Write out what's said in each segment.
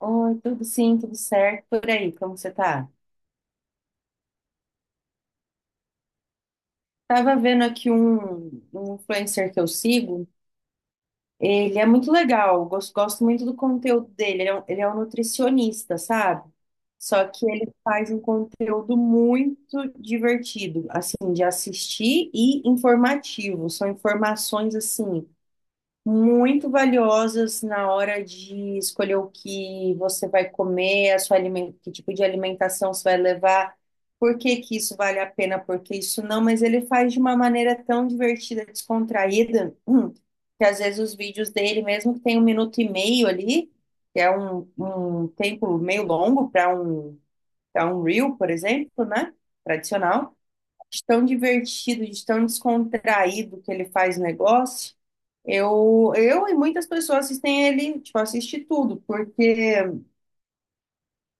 Oi, tudo sim, tudo certo. Por aí, como você tá? Tava vendo aqui um influencer que eu sigo. Ele é muito legal, gosto muito do conteúdo dele. Ele é um nutricionista, sabe? Só que ele faz um conteúdo muito divertido, assim, de assistir e informativo. São informações, assim, muito valiosas na hora de escolher o que você vai comer, que tipo de alimentação você vai levar, por que que isso vale a pena, por que isso não, mas ele faz de uma maneira tão divertida, descontraída, que às vezes os vídeos dele, mesmo que tenha um minuto e meio ali, um tempo meio longo para um reel, por exemplo, né? Tradicional, de tão divertido, de tão descontraído que ele faz o negócio. Eu e muitas pessoas assistem ele, tipo, assiste tudo, porque,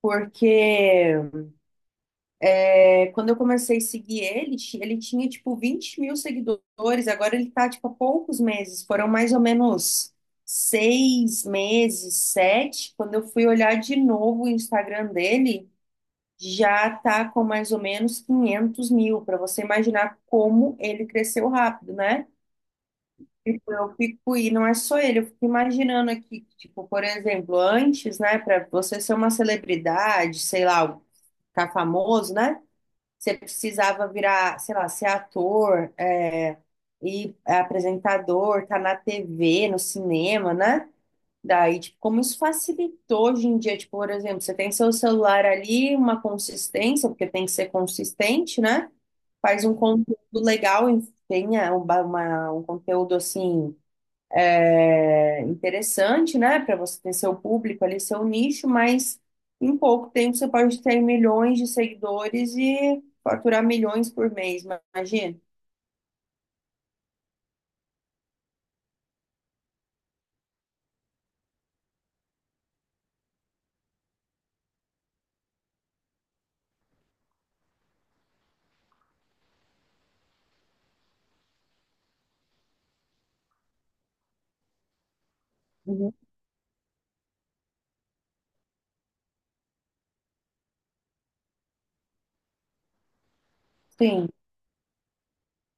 porque é, quando eu comecei a seguir ele, ele tinha, tipo, 20 mil seguidores, agora ele tá, tipo, há poucos meses, foram mais ou menos seis meses, sete, quando eu fui olhar de novo o Instagram dele, já tá com mais ou menos 500 mil, para você imaginar como ele cresceu rápido, né? Tipo, eu fico, e não é só ele, eu fico imaginando aqui, tipo, por exemplo, antes, né, para você ser uma celebridade, sei lá, ficar famoso, né, você precisava virar, sei lá, ser ator, é, é apresentador, tá na TV, no cinema, né? Daí, tipo, como isso facilitou hoje em dia, tipo, por exemplo, você tem seu celular ali, uma consistência, porque tem que ser consistente, né? Faz um conteúdo legal, e tenha um conteúdo assim é interessante, né, para você ter seu público ali, seu nicho, mas em pouco tempo você pode ter milhões de seguidores e faturar milhões por mês, imagina. Uhum. Sim,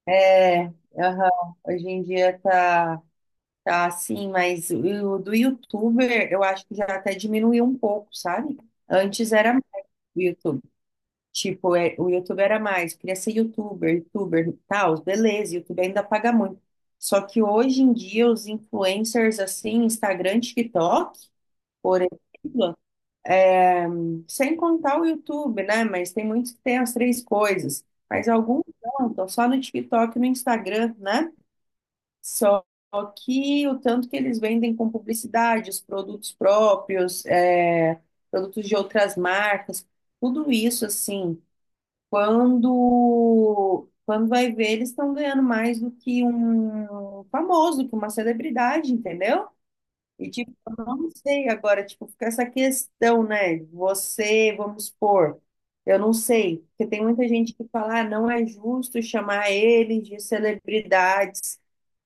é, aham, hoje em dia tá, tá assim, mas o do YouTuber eu acho que já até diminuiu um pouco, sabe? Antes era mais o YouTube. Tipo, é, o YouTube era mais, queria ser YouTuber, YouTuber, tal, beleza, YouTube ainda paga muito. Só que hoje em dia os influencers assim, Instagram, TikTok, por exemplo, sem contar o YouTube, né? Mas tem muitos que têm as três coisas. Mas alguns não, estão só no TikTok e no Instagram, né? Só que o tanto que eles vendem com publicidade, os produtos próprios, é, produtos de outras marcas, tudo isso assim. Quando vai ver, eles estão ganhando mais do que um famoso, que uma celebridade, entendeu? E, tipo, eu não sei agora, tipo, fica essa questão, né? Você, vamos supor, eu não sei, porque tem muita gente que fala, ah, não é justo chamar eles de celebridades.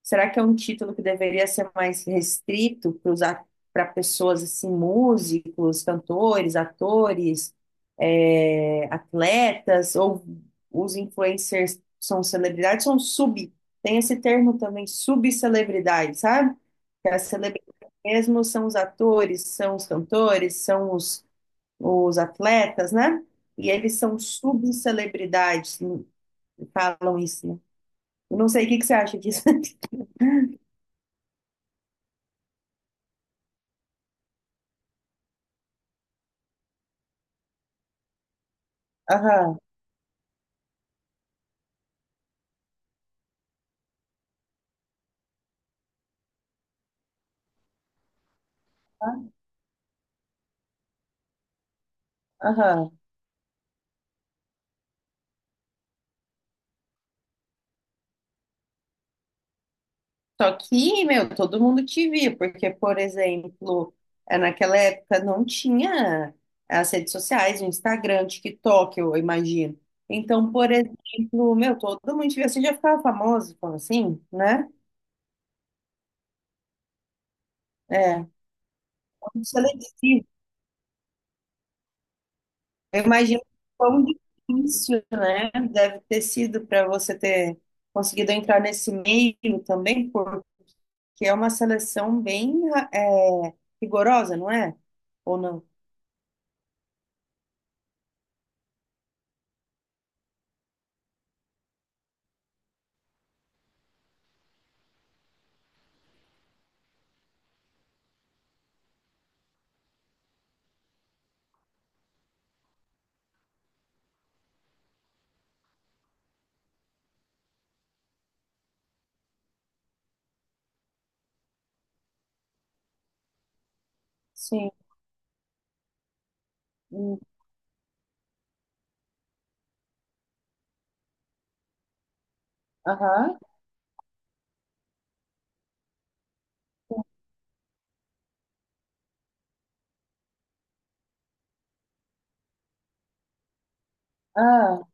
Será que é um título que deveria ser mais restrito para usar para pessoas assim, músicos, cantores, atores, eh, atletas, ou os influencers são celebridades, tem esse termo também, subcelebridades, sabe? Que é a mesmo, são os atores, são os cantores, os atletas, né? E eles são subcelebridades, falam isso, né? Eu não sei o que que você acha disso. Aham, aham. Só que, meu, todo mundo te via, porque, por exemplo, é, naquela época não tinha as redes sociais, o Instagram, o TikTok, eu imagino. Então, por exemplo, meu, todo mundo te via, você já ficava famoso, como assim, né? É, muito seletivo. Eu imagino quão difícil, né? Deve ter sido para você ter conseguido entrar nesse meio também, porque é uma seleção bem é, rigorosa, não é? Ou não? Sim. Hum. Aham. Ah,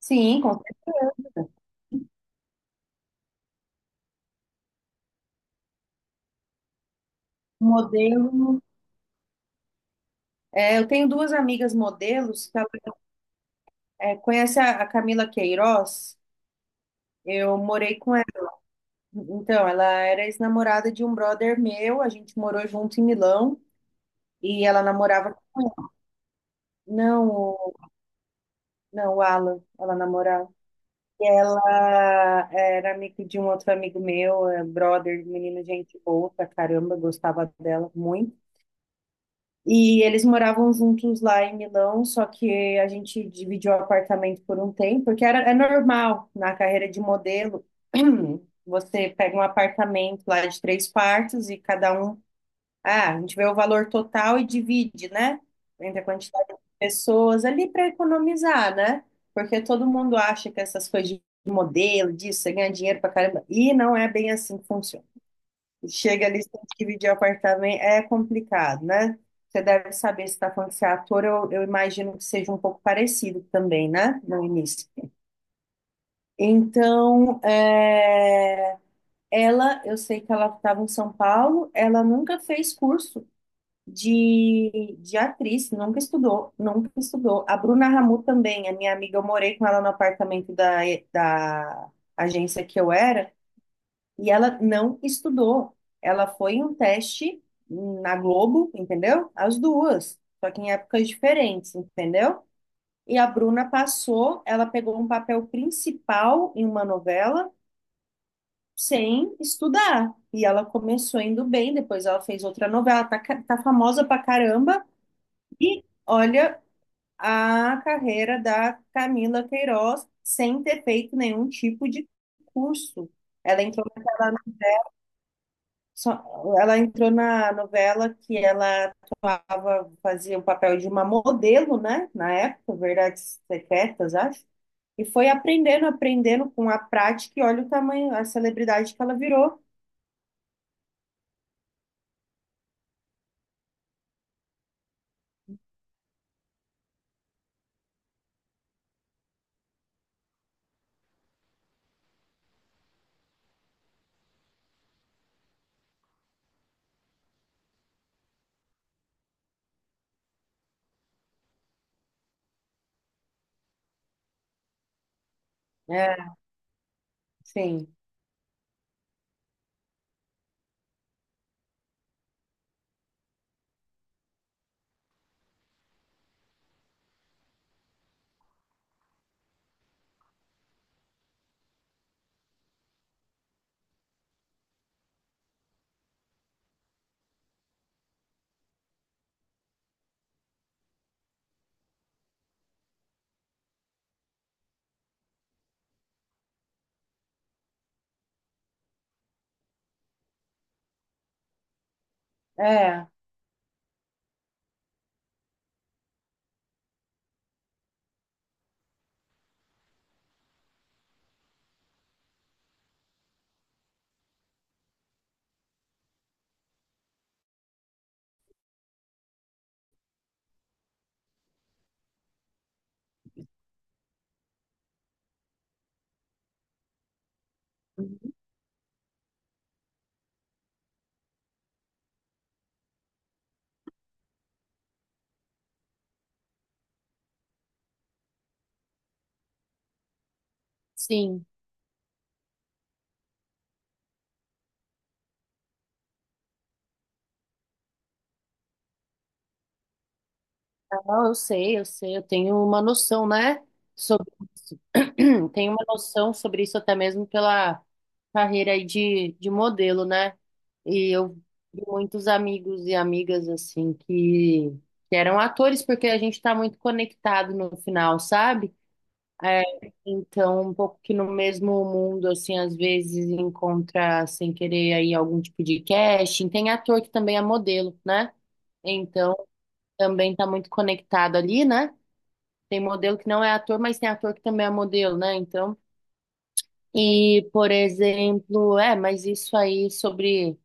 sim, com certeza. Modelo. É, eu tenho duas amigas modelos que ela, é, conhece a Camila Queiroz? Eu morei com ela. Então, ela era ex-namorada de um brother meu, a gente morou junto em Milão. E ela namorava com ele. Não, o- não, o Alan, ela namorava. E ela era amiga de um outro amigo meu, é, brother, menino, gente boa pra caramba, gostava dela muito. E eles moravam juntos lá em Milão, só que a gente dividiu o apartamento por um tempo, porque era, é normal na carreira de modelo, você pega um apartamento lá de três quartos e cada um. Ah, a gente vê o valor total e divide, né? Entre a quantidade de pessoas ali para economizar, né? Porque todo mundo acha que essas coisas de modelo, disso, você ganha dinheiro pra caramba. E não é bem assim que funciona. Chega ali, você tem que dividir apartamento, é complicado, né? Você deve saber se está falando que você é ator, eu imagino que seja um pouco parecido também, né? No início. Então, é, ela, eu sei que ela estava em São Paulo, ela nunca fez curso de atriz, nunca estudou, nunca estudou. A Bruna Ramu também, a minha amiga, eu morei com ela no apartamento da, da agência que eu era, e ela não estudou. Ela foi em um teste na Globo, entendeu? As duas, só que em épocas diferentes, entendeu? E a Bruna passou, ela pegou um papel principal em uma novela sem estudar. E ela começou indo bem, depois ela fez outra novela, tá, tá famosa pra caramba, e olha a carreira da Camila Queiroz sem ter feito nenhum tipo de curso. Ela entrou naquela, só- ela entrou na novela que ela tava, fazia o papel de uma modelo, né? Na época, Verdades Secretas, acho. E foi aprendendo, aprendendo com a prática e olha o tamanho, a celebridade que ela virou. É, sim. É. Sim. Não, eu sei, eu sei, eu tenho uma noção, né, sobre isso. Tenho uma noção sobre isso até mesmo pela carreira aí de modelo, né? E eu vi muitos amigos e amigas, assim, que eram atores, porque a gente está muito conectado no final, sabe? É, então, um pouco que no mesmo mundo, assim, às vezes encontra, sem querer, aí algum tipo de casting. Tem ator que também é modelo, né? Então, também está muito conectado ali, né? Tem modelo que não é ator, mas tem ator que também é modelo, né? Então, e por exemplo, é, mas isso aí sobre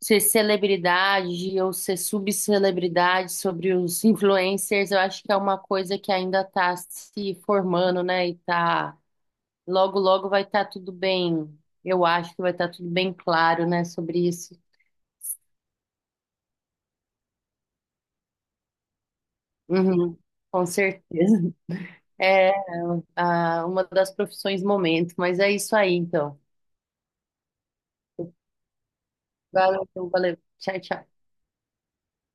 ser celebridade ou ser subcelebridade, sobre os influencers, eu acho que é uma coisa que ainda está se formando, né? E tá, logo, logo vai estar tudo bem, eu acho que vai estar tudo bem claro, né, sobre isso. Uhum, com certeza. É, ah, uma das profissões momento, mas é isso aí, então. Valeu, valeu. Tchau, tchau.